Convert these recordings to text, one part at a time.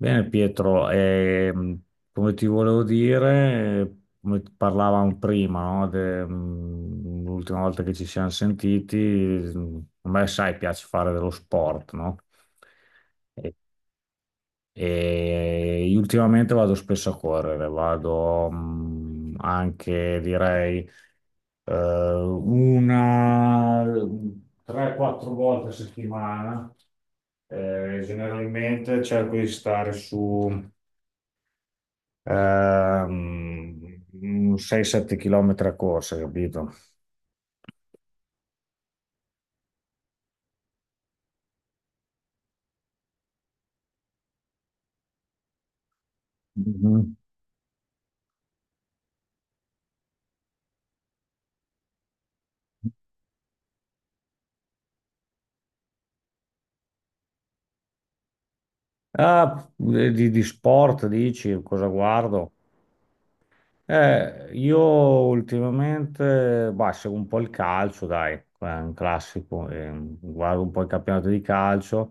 Bene Pietro, come ti volevo dire, come parlavamo prima, no, l'ultima volta che ci siamo sentiti, a me sai piace fare dello sport, no? E, e io ultimamente vado spesso a correre, vado anche direi una 3-4 volte a settimana. Generalmente cerco di stare su ehm, 6-7 km a corsa, capito? Mhm. Ah, di sport dici, cosa guardo? Io ultimamente, bah, seguo un po' il calcio, dai, è un classico, guardo un po' il campionato di calcio.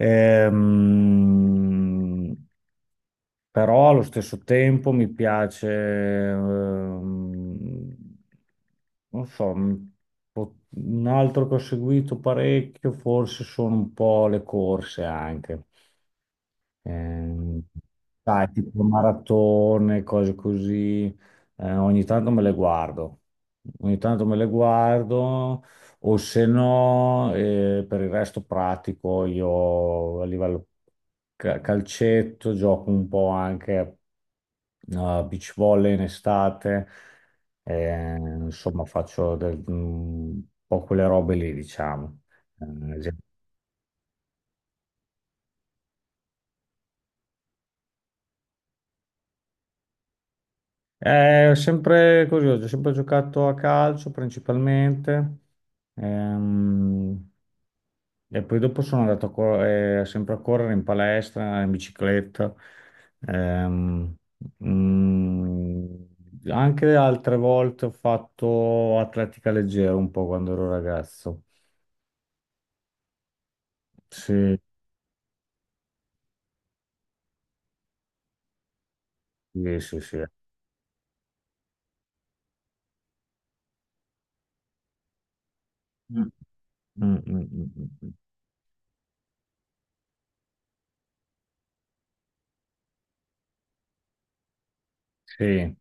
Ehm, Però allo stesso tempo mi piace, ehm, non so, un altro che ho seguito parecchio, forse sono un po' le corse anche. Ehm, Dai, tipo maratone, cose così, ogni tanto me le guardo, ogni tanto me le guardo, o se no, per il resto pratico io a livello calcetto, gioco un po' anche a beach volley in estate, insomma faccio un po' quelle robe lì, diciamo. Eh, È sempre così, ho sempre giocato a calcio principalmente, ehm, e poi dopo sono andato sempre a correre in palestra, in bicicletta, ehm, mm, anche altre volte ho fatto atletica leggera un po' quando ero ragazzo. Sì, sì, sì, sì. Mm. Mm, mm, mm, mm. Sì.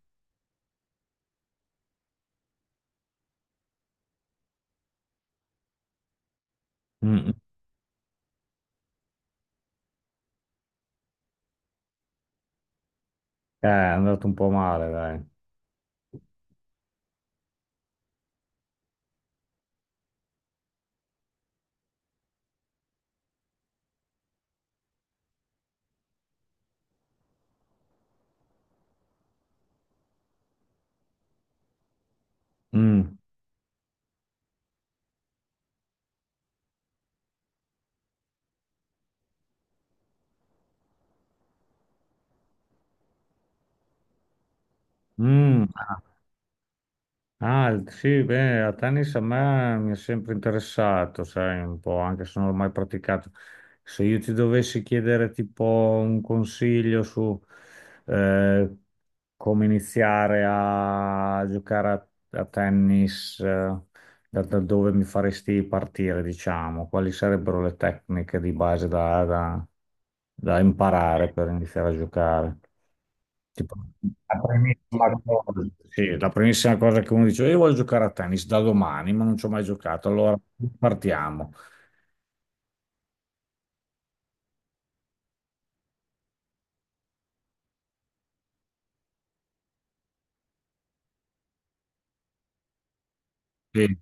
Mm, mm. È andato un po' male, dai. Mm. Mm. Ah, sì, beh, a tennis a me mi è sempre interessato, sai, un po', anche se non l'ho mai praticato. Se io ti dovessi chiedere tipo un consiglio su eh, come iniziare a giocare a tennis, da dove mi faresti partire, diciamo, quali sarebbero le tecniche di base da imparare per iniziare a giocare? Tipo, la primissima cosa, sì, la primissima cosa che uno dice, io voglio giocare a tennis da domani, ma non ci ho mai giocato, allora partiamo. Sì,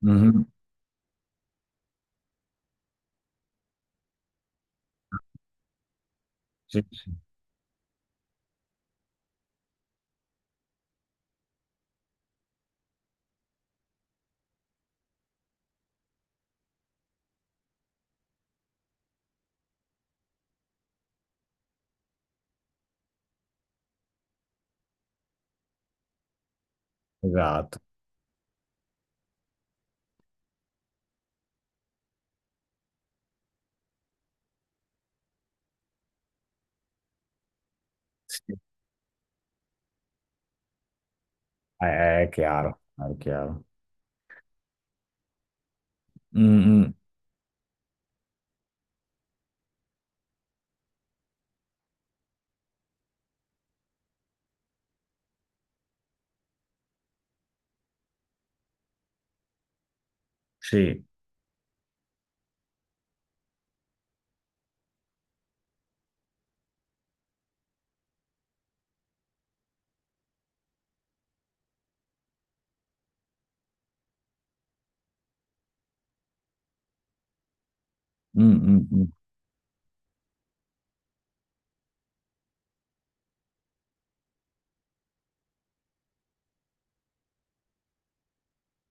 mhm, sì, sì, esatto. Sì, È, è chiaro, è chiaro. Mm, mm, sì, mm, mm, mm.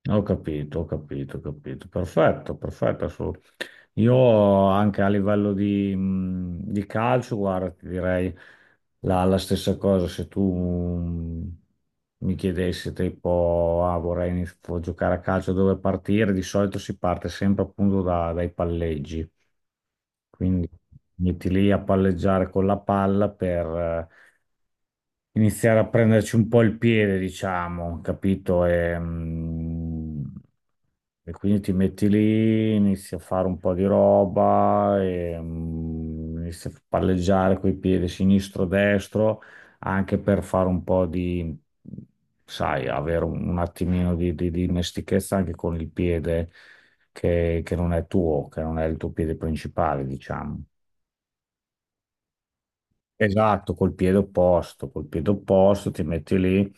Ho capito, ho capito, ho capito. Perfetto, perfetto, assolutamente. Io anche a livello di calcio, guarda, ti direi la stessa cosa. Se tu mi chiedessi tipo, ah, giocare a calcio, dove partire? Di solito si parte sempre appunto dai palleggi. Quindi metti lì a palleggiare con la palla per iniziare a prenderci un po' il piede, diciamo, capito? E quindi ti metti lì, inizi a fare un po' di roba, inizi a palleggiare coi piedi sinistro-destro, anche per fare un po' di, sai, avere un attimino di dimestichezza anche con il piede che non è tuo, che non è il tuo piede principale, diciamo. Esatto, col piede opposto ti metti lì,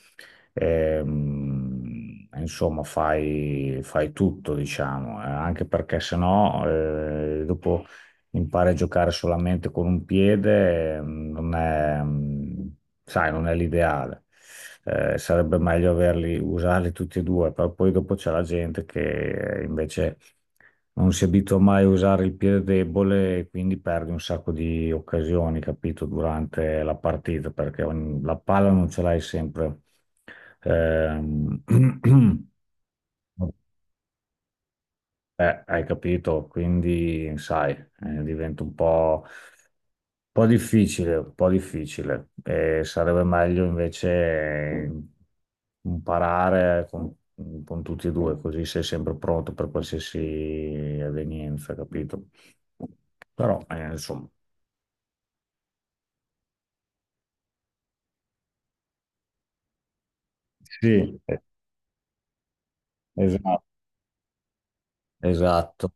insomma, fai, fai tutto, diciamo, anche perché sennò dopo impari a giocare solamente con un piede, non è, mm, sai, non è l'ideale. Sarebbe meglio averli, usarli tutti e due, però poi dopo c'è la gente che invece non si abitua mai a usare il piede debole e quindi perdi un sacco di occasioni, capito, durante la partita, perché la palla non ce l'hai sempre. Ehm, hai capito? Quindi, sai, diventa un po' difficile, un po' difficile. Sarebbe meglio invece eh, imparare con tutti e due, così sei sempre pronto per qualsiasi evenienza, capito? Però, insomma, sì, esatto. Esatto.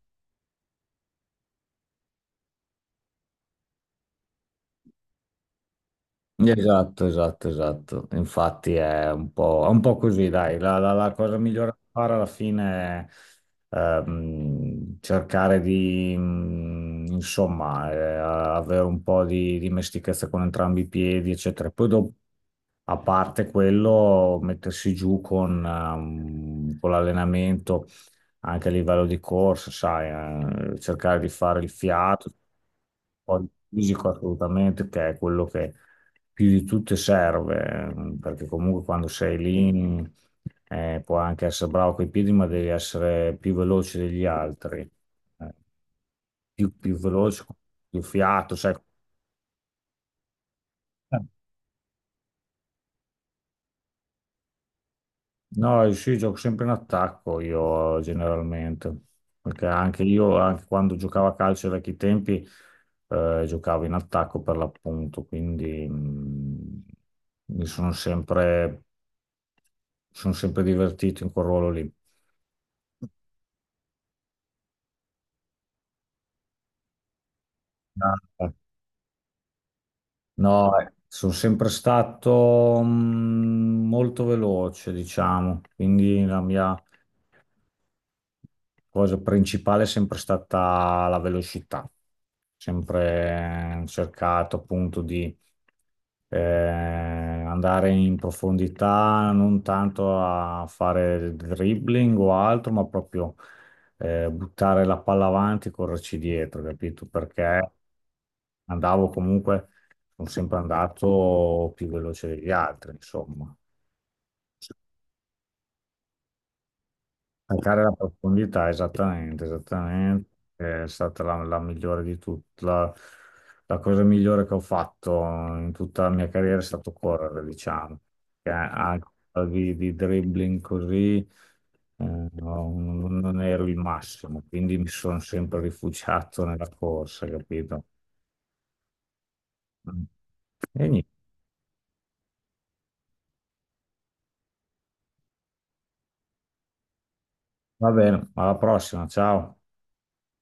Esatto, esatto, esatto. Infatti è un po' così, dai. La cosa migliore da fare alla fine è cercare di, insomma, avere un po' di dimestichezza con entrambi i piedi, eccetera. Poi dopo a parte quello, mettersi giù con l'allenamento anche a livello di corsa, sai, cercare di fare il fiato, poi il fisico assolutamente, che è quello che più di tutto serve, perché comunque quando sei lì puoi anche essere bravo coi piedi, ma devi essere più veloce degli altri, eh, più veloce, più fiato, sai. No, sì, gioco sempre in attacco io generalmente, perché anche io, anche quando giocavo a calcio ai vecchi tempi, giocavo in attacco per l'appunto, quindi mi sono sempre, sono sempre divertito in quel ruolo lì. Ah, no, sono sempre stato molto veloce, diciamo, quindi la mia cosa principale è sempre stata la velocità, sempre cercato appunto di andare in profondità, non tanto a fare dribbling o altro, ma proprio buttare la palla avanti e correrci dietro, capito? Perché andavo comunque, sono sempre andato più veloce degli altri, insomma. Cercare la profondità, esattamente, esattamente. È stata la migliore di tutte. La cosa migliore che ho fatto in tutta la mia carriera è stato correre, diciamo. Che anche di dribbling così, no, non ero il massimo, quindi mi sono sempre rifugiato nella corsa, capito? E niente, va bene, alla prossima, ciao.